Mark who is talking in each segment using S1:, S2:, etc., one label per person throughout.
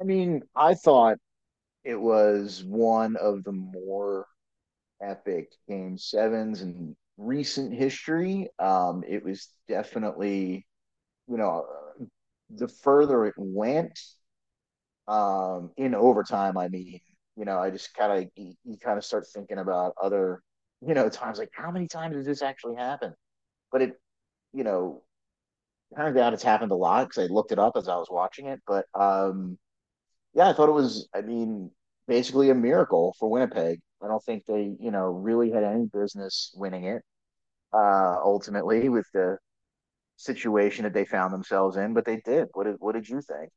S1: I mean, I thought it was one of the more epic game sevens in recent history. It was definitely, you know, the further it went, in overtime, I mean, I just kind of, you kind of start thinking about other, times. Like how many times does this actually happen? But it, you know, turns out it's happened a lot because I looked it up as I was watching it. But, yeah, I thought it was, I mean, basically a miracle for Winnipeg. I don't think they, really had any business winning it ultimately with the situation that they found themselves in, but they did. What did you think?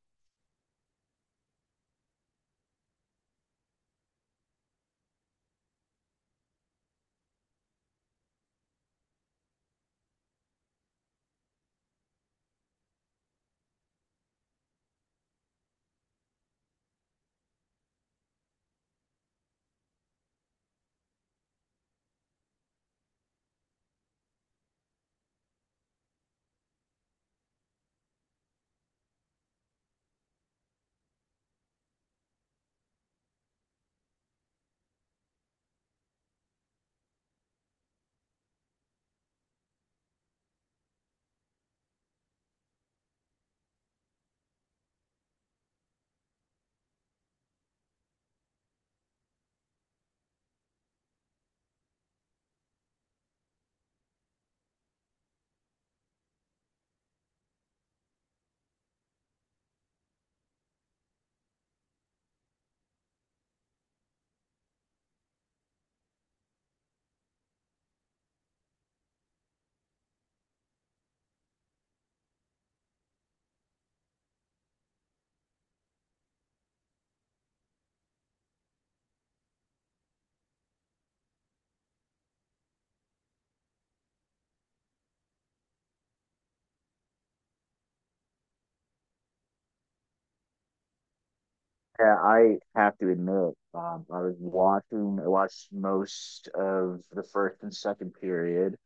S1: Yeah, I have to admit, I watched most of the first and second period.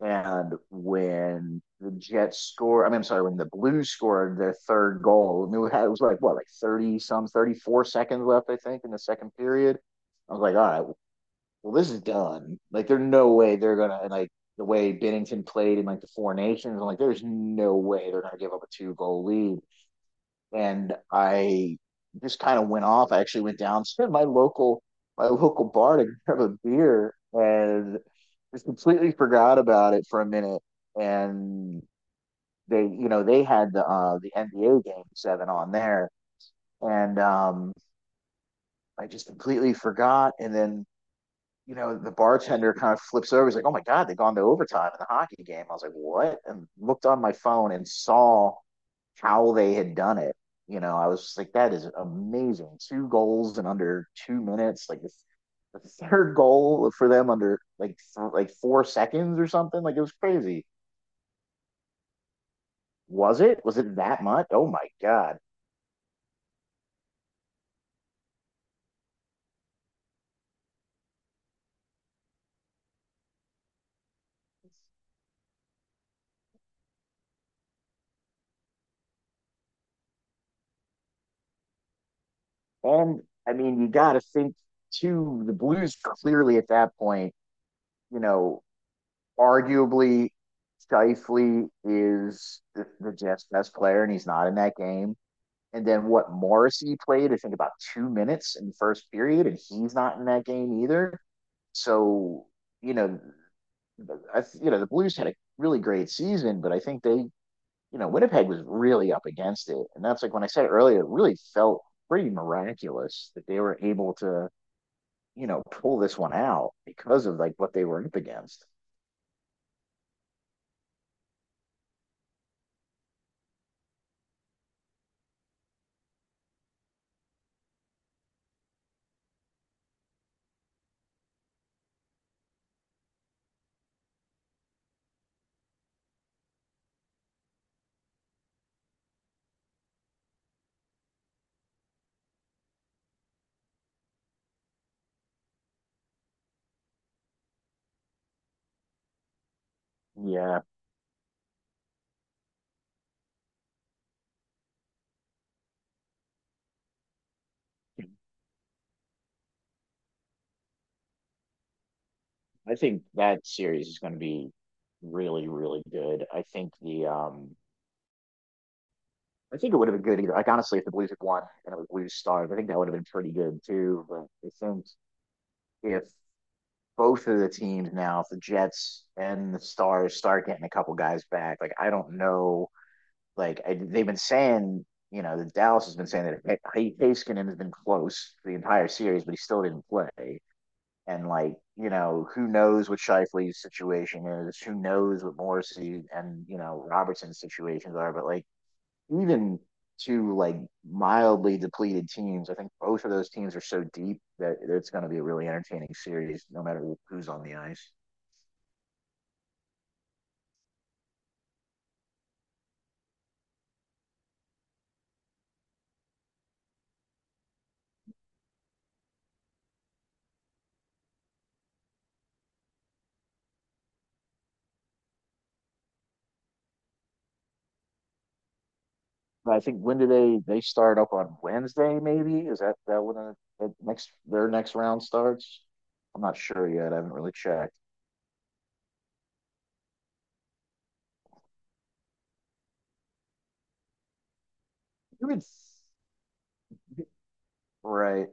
S1: And when the Jets scored, I mean, I'm sorry, when the Blues scored their third goal, I mean, it was like, what, like 30 some, 34 seconds left, I think, in the second period. I was like, all right, well, this is done. Like, there's no way they're going to, like, the way Bennington played in like the Four Nations, I'm like, there's no way they're going to give up a two goal lead, and I just kind of went off. I actually went downstairs to my local bar to grab a beer and just completely forgot about it for a minute. And they had the NBA game seven on there, and I just completely forgot. And then the bartender kind of flips over. He's like, "Oh my God, they've gone to overtime in the hockey game." I was like, "What?" And looked on my phone and saw how they had done it. I was just like, that is amazing. Two goals in under 2 minutes. Like this, the third goal for them under like 4 seconds or something. Like it was crazy. Was it? Was it that much? Oh my god! And I mean, you got to think too. The Blues clearly at that point, you know, arguably Shifley is the Jets best player, and he's not in that game. And then what Morrissey played, I think about 2 minutes in the first period, and he's not in that game either. So, you know, the Blues had a really great season, but I think Winnipeg was really up against it. And that's like when I said earlier, it really felt pretty miraculous that they were able to, pull this one out because of like what they were up against. Yeah. I think that series is going to be really, really good. I think it would have been good either. Like honestly, if the Blues had won and it was Blues Stars, I think that would have been pretty good too. But I think if both of the teams now, if the Jets and the Stars start getting a couple guys back, like I don't know, like they've been saying, the Dallas has been saying that Haskinen has been close the entire series, but he still didn't play. And like who knows what Shifley's situation is? Who knows what Morrissey and Robertson's situations are? But like even two like mildly depleted teams. I think both of those teams are so deep that it's going to be a really entertaining series, no matter who's on the ice. But I think when do they start up on Wednesday? Maybe is that when their next round starts? I'm not sure yet. I haven't really checked. You would, right?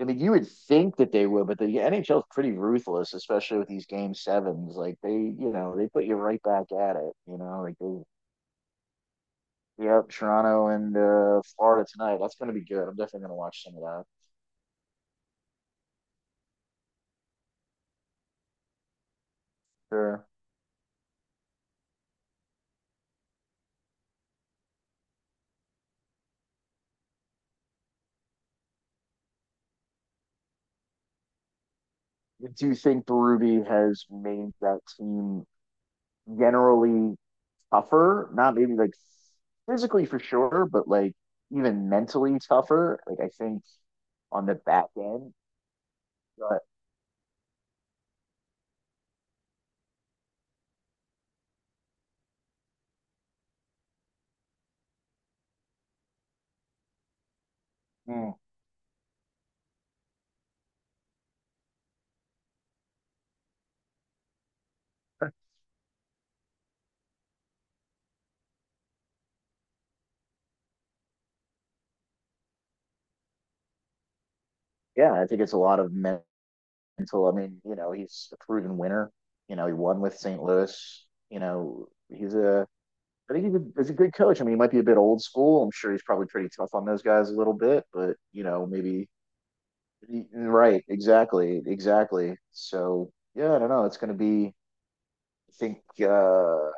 S1: I mean, you would think that they would, but the NHL is pretty ruthless, especially with these game sevens. Like they put you right back at it. You know, like they. Yep, Toronto and Florida tonight. That's going to be good. I'm definitely going to watch some of that. Sure. Do you think Berube has made that team generally tougher? Not maybe like physically for sure, but like even mentally tougher. Like I think on the back end, but mm, yeah, I think it's a lot of mental. I mean, he's a proven winner. He won with St. Louis. You know, he's a I think he's a good coach. I mean, he might be a bit old school. I'm sure he's probably pretty tough on those guys a little bit, but maybe. Right, exactly, exactly. So yeah, I don't know. It's going to be, I think, uh,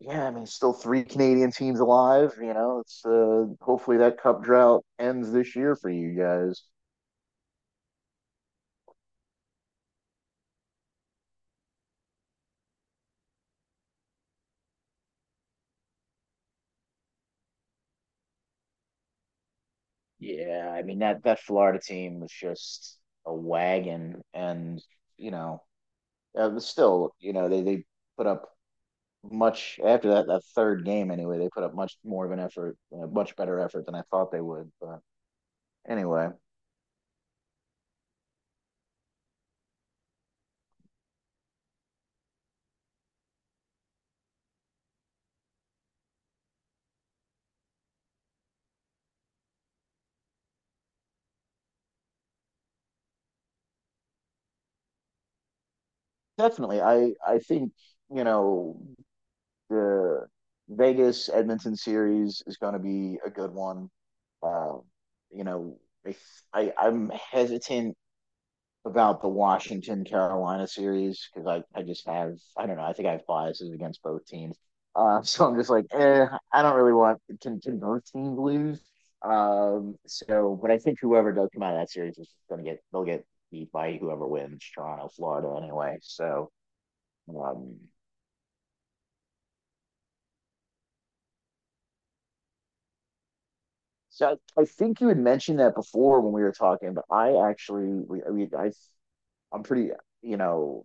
S1: yeah. I mean, still three Canadian teams alive. You know, it's Hopefully that cup drought ends this year for you guys. Yeah, I mean that Florida team was just a wagon, and you know, still, they put up much after that third game. Anyway, they put up much more of an effort, a much better effort than I thought they would, but anyway. Definitely, I think you know the Vegas Edmonton series is going to be a good one. uh, you know I, I'm hesitant about the Washington Carolina series because I just have, I don't know, I think I have biases against both teams. So I'm just like, eh, I don't really want. Can both teams lose? So but I think whoever does come out of that series is going to get beat by whoever wins Toronto, Florida anyway. So um, so I think you had mentioned that before when we were talking, but I actually we I I'm pretty you know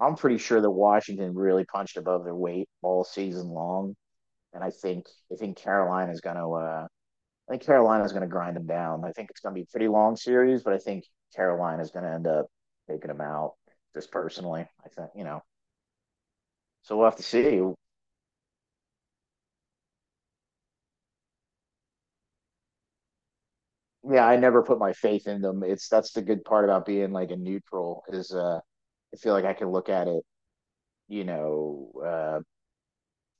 S1: I'm pretty sure that Washington really punched above their weight all season long, and I think Carolina's going to uh, I think Carolina's going to grind them down. I think it's going to be a pretty long series, but I think Carolina's going to end up taking them out. Just personally, I think you know. So we'll have to see. Yeah, I never put my faith in them. It's that's the good part about being like a neutral, is I feel like I can look at it, you know, uh,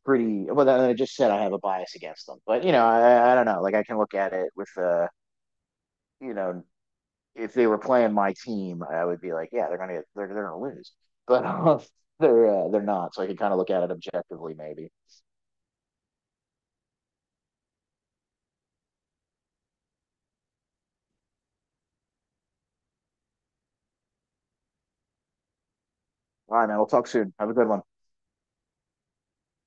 S1: pretty well. Then I just said I have a bias against them, but I don't know. Like I can look at it you know, if they were playing my team, I would be like, yeah, they're gonna lose, but they're not. So I could kind of look at it objectively, maybe. All right, man. We'll talk soon. Have a good one.